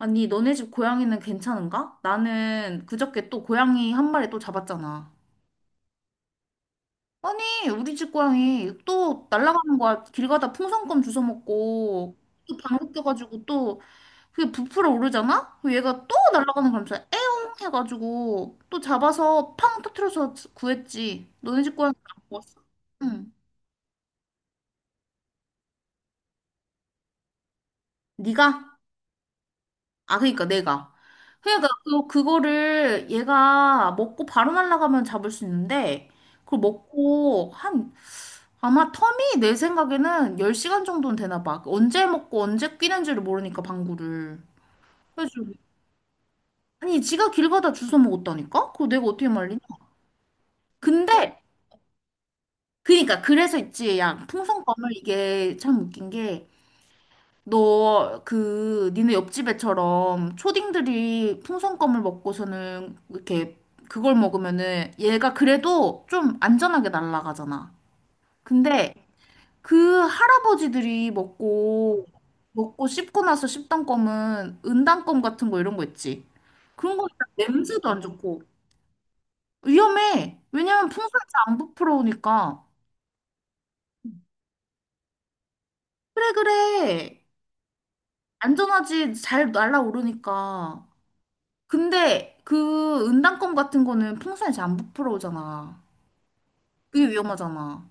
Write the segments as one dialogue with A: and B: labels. A: 아니, 너네 집 고양이는 괜찮은가? 나는 그저께 또 고양이 한 마리 또 잡았잖아. 아니, 우리 집 고양이 또 날아가는 거야. 길 가다 풍선껌 주워 먹고 또 방귀 껴가지고 또 그게 부풀어 오르잖아? 그럼 얘가 또 날아가는 거면서 에용 해가지고 또 잡아서 팡 터트려서 구했지. 너네 집 고양이 안 구웠어? 응. 네가? 아, 그니까 내가. 그러니까 그, 그거를 얘가 먹고 바로 날아가면 잡을 수 있는데 그걸 먹고 한 아마 텀이 내 생각에는 10시간 정도는 되나 봐. 언제 먹고 언제 끼는지를 모르니까 방구를. 그래서 아니 지가 길 가다 주워 먹었다니까? 그거 내가 어떻게 말리냐? 근데 그니까 그래서 있지. 야, 풍선껌을 이게 참 웃긴 게 너, 그, 니네 옆집애처럼 초딩들이 풍선껌을 먹고서는 이렇게 그걸 먹으면은 얘가 그래도 좀 안전하게 날아가잖아. 근데 그 할아버지들이 먹고, 먹고 씹고 나서 씹던 껌은 은단껌 같은 거 이런 거 있지. 그런 거 일단 냄새도 안 좋고 위험해. 왜냐면 풍선 잘안 부풀어오니까. 그래, 그래. 안전하지. 잘 날아오르니까. 근데 그 은단껌 같은 거는 풍선이 잘 안 부풀어오잖아. 그게 위험하잖아.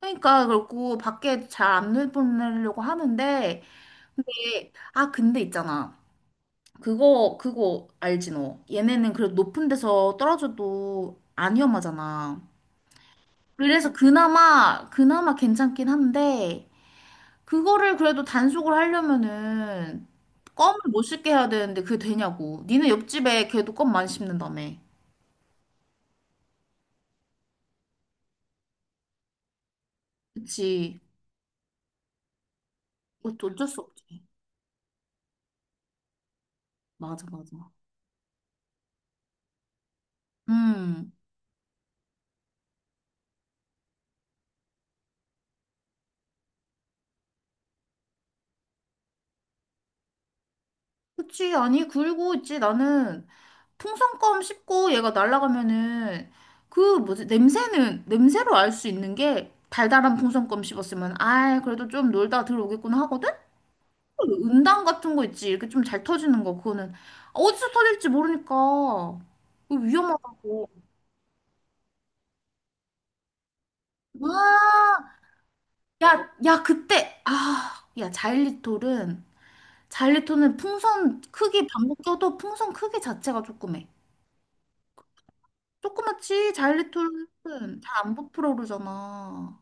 A: 그러니까 그렇고 밖에 잘 안 내보내려고 하는데 근데 아 근데 있잖아. 그거 알지 너. 얘네는 그래도 높은 데서 떨어져도 안 위험하잖아. 그래서 그나마 그나마 괜찮긴 한데 그거를 그래도 단속을 하려면은 껌을 못 씹게 해야 되는데 그게 되냐고. 니네 옆집에 걔도 껌 많이 씹는다며. 그치. 그것도 어쩔 수 없지. 맞아, 맞아. 음. 그치. 아니, 그리고 있지. 나는 풍선껌 씹고 얘가 날아가면은 그 뭐지? 냄새는, 냄새로 알 수 있는 게 달달한 풍선껌 씹었으면 아이, 그래도 좀 놀다 들어오겠구나 하거든? 그 은단 같은 거 있지. 이렇게 좀 잘 터지는 거. 그거는 어디서 터질지 모르니까. 그거 위험하다고. 와! 야, 야, 그때. 아, 야, 자일리톨은 자일리토는 풍선 크기 반복 껴도 풍선 크기 자체가 조그매. 조그맣지 자일리토는 잘 안 부풀어 오르잖아.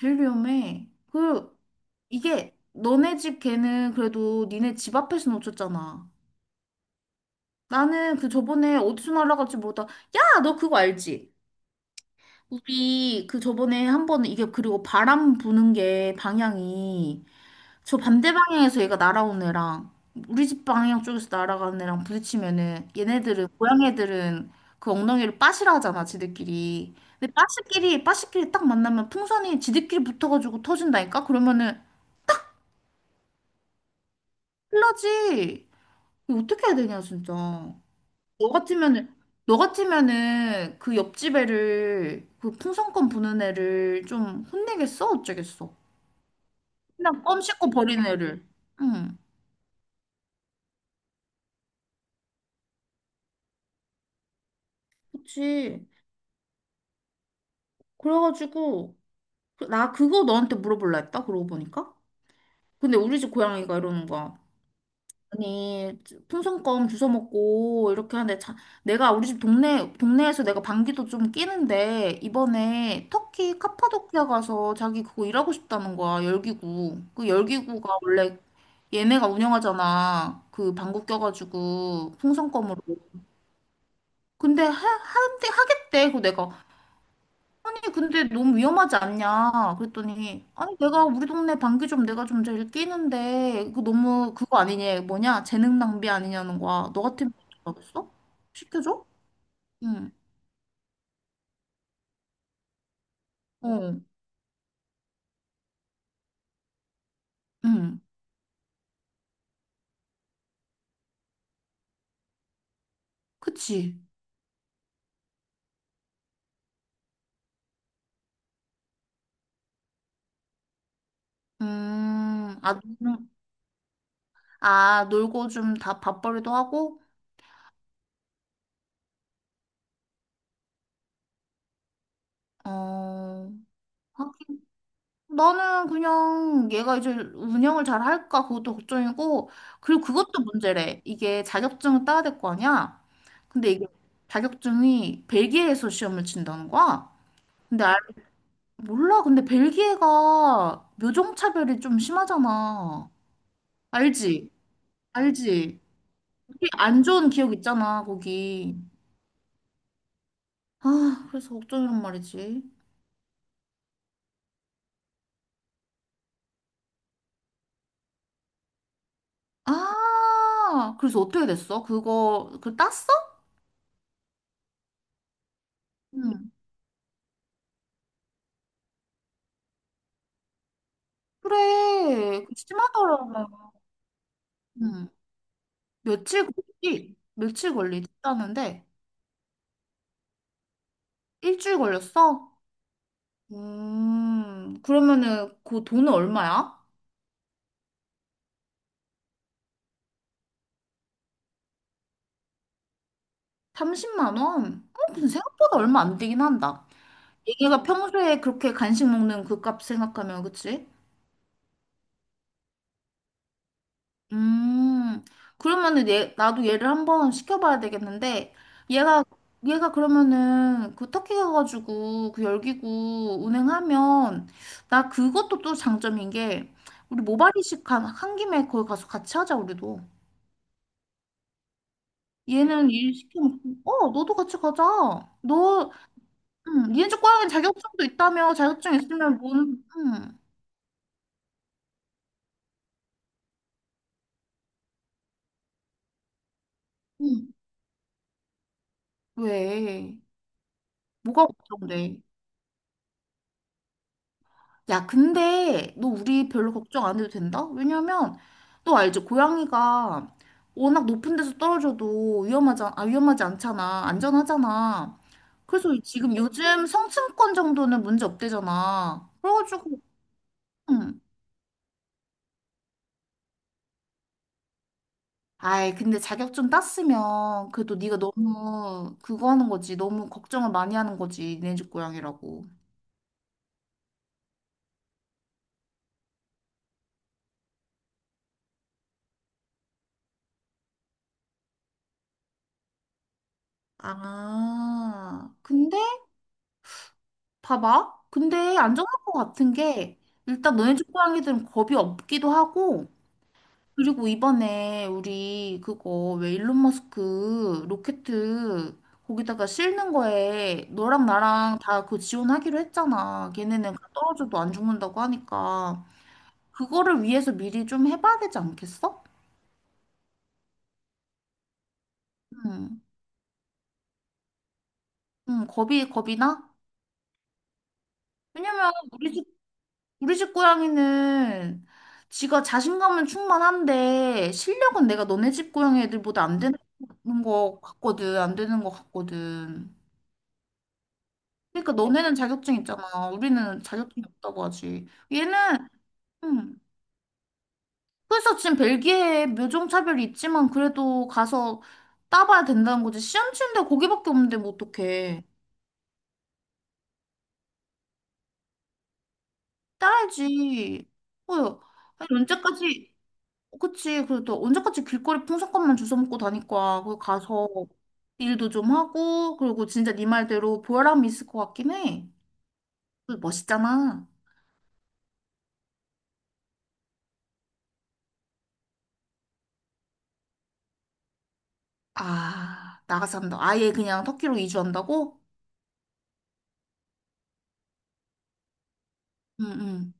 A: 제일 위험해. 그 이게 너네 집 개는 그래도 니네 집 앞에서 놓쳤잖아. 나는 그 저번에 어디서 날아갈지 모르다. 야, 너 그거 알지? 우리 그 저번에 한 번은 이게 그리고 바람 부는 게 방향이 저 반대 방향에서 얘가 날아온 애랑 우리 집 방향 쪽에서 날아가는 애랑 부딪히면은 얘네들은 고양 애들은 그 엉덩이를 빠시라 하잖아 지들끼리 근데 빠시끼리 빠시끼리 딱 만나면 풍선이 지들끼리 붙어가지고 터진다니까 그러면은 큰일나지. 이거 어떻게 해야 되냐 진짜. 너 같으면은 너 같으면은 그 옆집 애를 그 풍선껌 부는 애를 좀 혼내겠어 어쩌겠어. 그냥 껌 씹고 버리는 애를. 응. 그치. 그래가지고 나 그거 너한테 물어볼라 했다. 그러고 보니까. 근데 우리 집 고양이가 이러는 거야. 아니, 풍선껌 주워 먹고 이렇게 하는데 자, 내가 우리 집 동네 동네에서 내가 방귀도 좀 뀌는데 이번에 터키 카파도키아 가서 자기 그거 일하고 싶다는 거야. 열기구. 그 열기구가 원래 얘네가 운영하잖아. 그 방구 껴가지고 풍선껌으로. 근데 한대 하겠대. 그 내가 아니, 근데 너무 위험하지 않냐? 그랬더니, 아니, 내가 우리 동네 방귀 좀 내가 좀 제일 끼는데, 이거 너무 그거 아니냐? 뭐냐? 재능 낭비 아니냐는 거야. 너 같으면 어떡하겠어? 시켜줘? 응, 어, 응, 그치. 음, 아, 음, 아, 놀고 좀 다 밥벌이도 하고, 어, 아, 나는 그냥 얘가 이제 운영을 잘 할까 그것도 걱정이고 그리고 그것도 문제래. 이게 자격증을 따야 될 거 아니야? 근데 이게 자격증이 벨기에에서 시험을 친다는 거야? 근데 몰라. 근데 벨기에가 묘종차별이 좀 심하잖아. 알지? 알지? 되게 안 좋은 기억 있잖아, 거기. 아, 그래서 걱정이란 말이지. 아, 그래서 어떻게 됐어? 그거, 그 땄어? 응. 그래, 그 심하더라고. 응, 며칠 걸리지? 며칠 걸리지? 하는데 일주일 걸렸어? 그러면은 그 돈은 얼마야? 30만 원? 어, 근데 생각보다 얼마 안 되긴 한다. 얘네가 평소에 그렇게 간식 먹는 그 값 생각하면, 그치? 음, 그러면은 얘, 나도 얘를 한번 시켜봐야 되겠는데, 얘가, 얘가 그러면은 그 터키 가가지고 그 열기구 운행하면, 나 그것도 또 장점인 게, 우리 모발이식 한 김에 거기 가서 같이 하자, 우리도. 얘는 일 시켜놓고, 어, 너도 같이 가자. 너, 니네 집 고양이는 자격증도 있다며, 자격증 있으면 뭔, 음. 왜? 뭐가 걱정돼? 야, 근데 너 우리 별로 걱정 안 해도 된다? 왜냐면 너 알지? 고양이가 워낙 높은 데서 떨어져도 위험하지, 아, 위험하지 않잖아. 안전하잖아. 그래서 지금 요즘 성층권 정도는 문제 없대잖아. 그래가지고, 음. 아이, 근데 자격증 땄으면 그래도 네가 너무 그거 하는 거지. 너무 걱정을 많이 하는 거지. 네 집 고양이라고. 아, 근데 봐봐. 근데 안전할 것 같은 게 일단 너네 집 고양이들은 겁이 없기도 하고 그리고 이번에 우리 그거 왜 일론 머스크 로켓 거기다가 싣는 거에 너랑 나랑 다 그 지원하기로 했잖아. 걔네는 떨어져도 안 죽는다고 하니까 그거를 위해서 미리 좀 해봐야 되지 않겠어? 응, 응, 겁이 나? 왜냐면 우리 집 고양이는 지가 자신감은 충만한데 실력은 내가 너네 집 고양이 애들보다 안 되는 거 같거든. 안 되는 거 같거든. 그러니까 너네는 자격증 있잖아. 우리는 자격증이 없다고 하지. 얘는 음. 그래서 지금 벨기에 묘종차별이 있지만 그래도 가서 따봐야 된다는 거지. 시험 치는데 거기밖에 없는데 뭐 어떡해. 따야지. 어, 아니, 언제까지 그치. 그리고 또 언제까지 길거리 풍선껌만 주워 먹고 다닐 거야. 거 가서 일도 좀 하고, 그리고 진짜 네 말대로 보람이 있을 것 같긴 해. 그 멋있잖아. 아, 나가서 한다. 아예 그냥 터키로 이주한다고? 응, 응.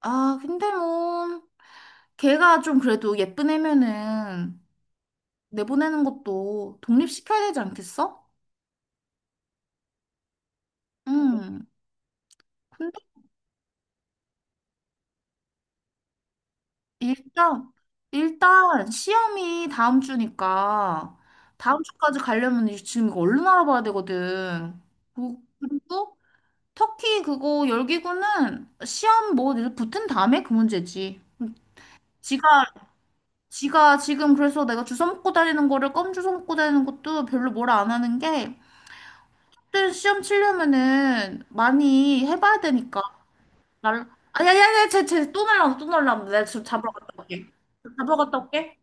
A: 아, 근데 뭐, 걔가 좀 그래도 예쁜 애면은 내보내는 것도 독립시켜야 되지 않겠어? 응. 일단, 일단 시험이 다음 주니까 다음 주까지 가려면 지금 이거 얼른 알아봐야 되거든. 그리고 터키 그거 열기구는 시험 뭐 이렇게 붙은 다음에 그 문제지. 지가 지가 지금 그래서 내가 주워 먹고 다니는 거를 껌 주워 먹고 다니는 것도 별로 뭐라 안 하는 게 그때 시험 치려면은 많이 해봐야 되니까. 날 아야야야 쟤쟤또 날라온다 또 날라온다. 내가 지금 잡으러 갔다 올게. 잡으러 갔다 올게.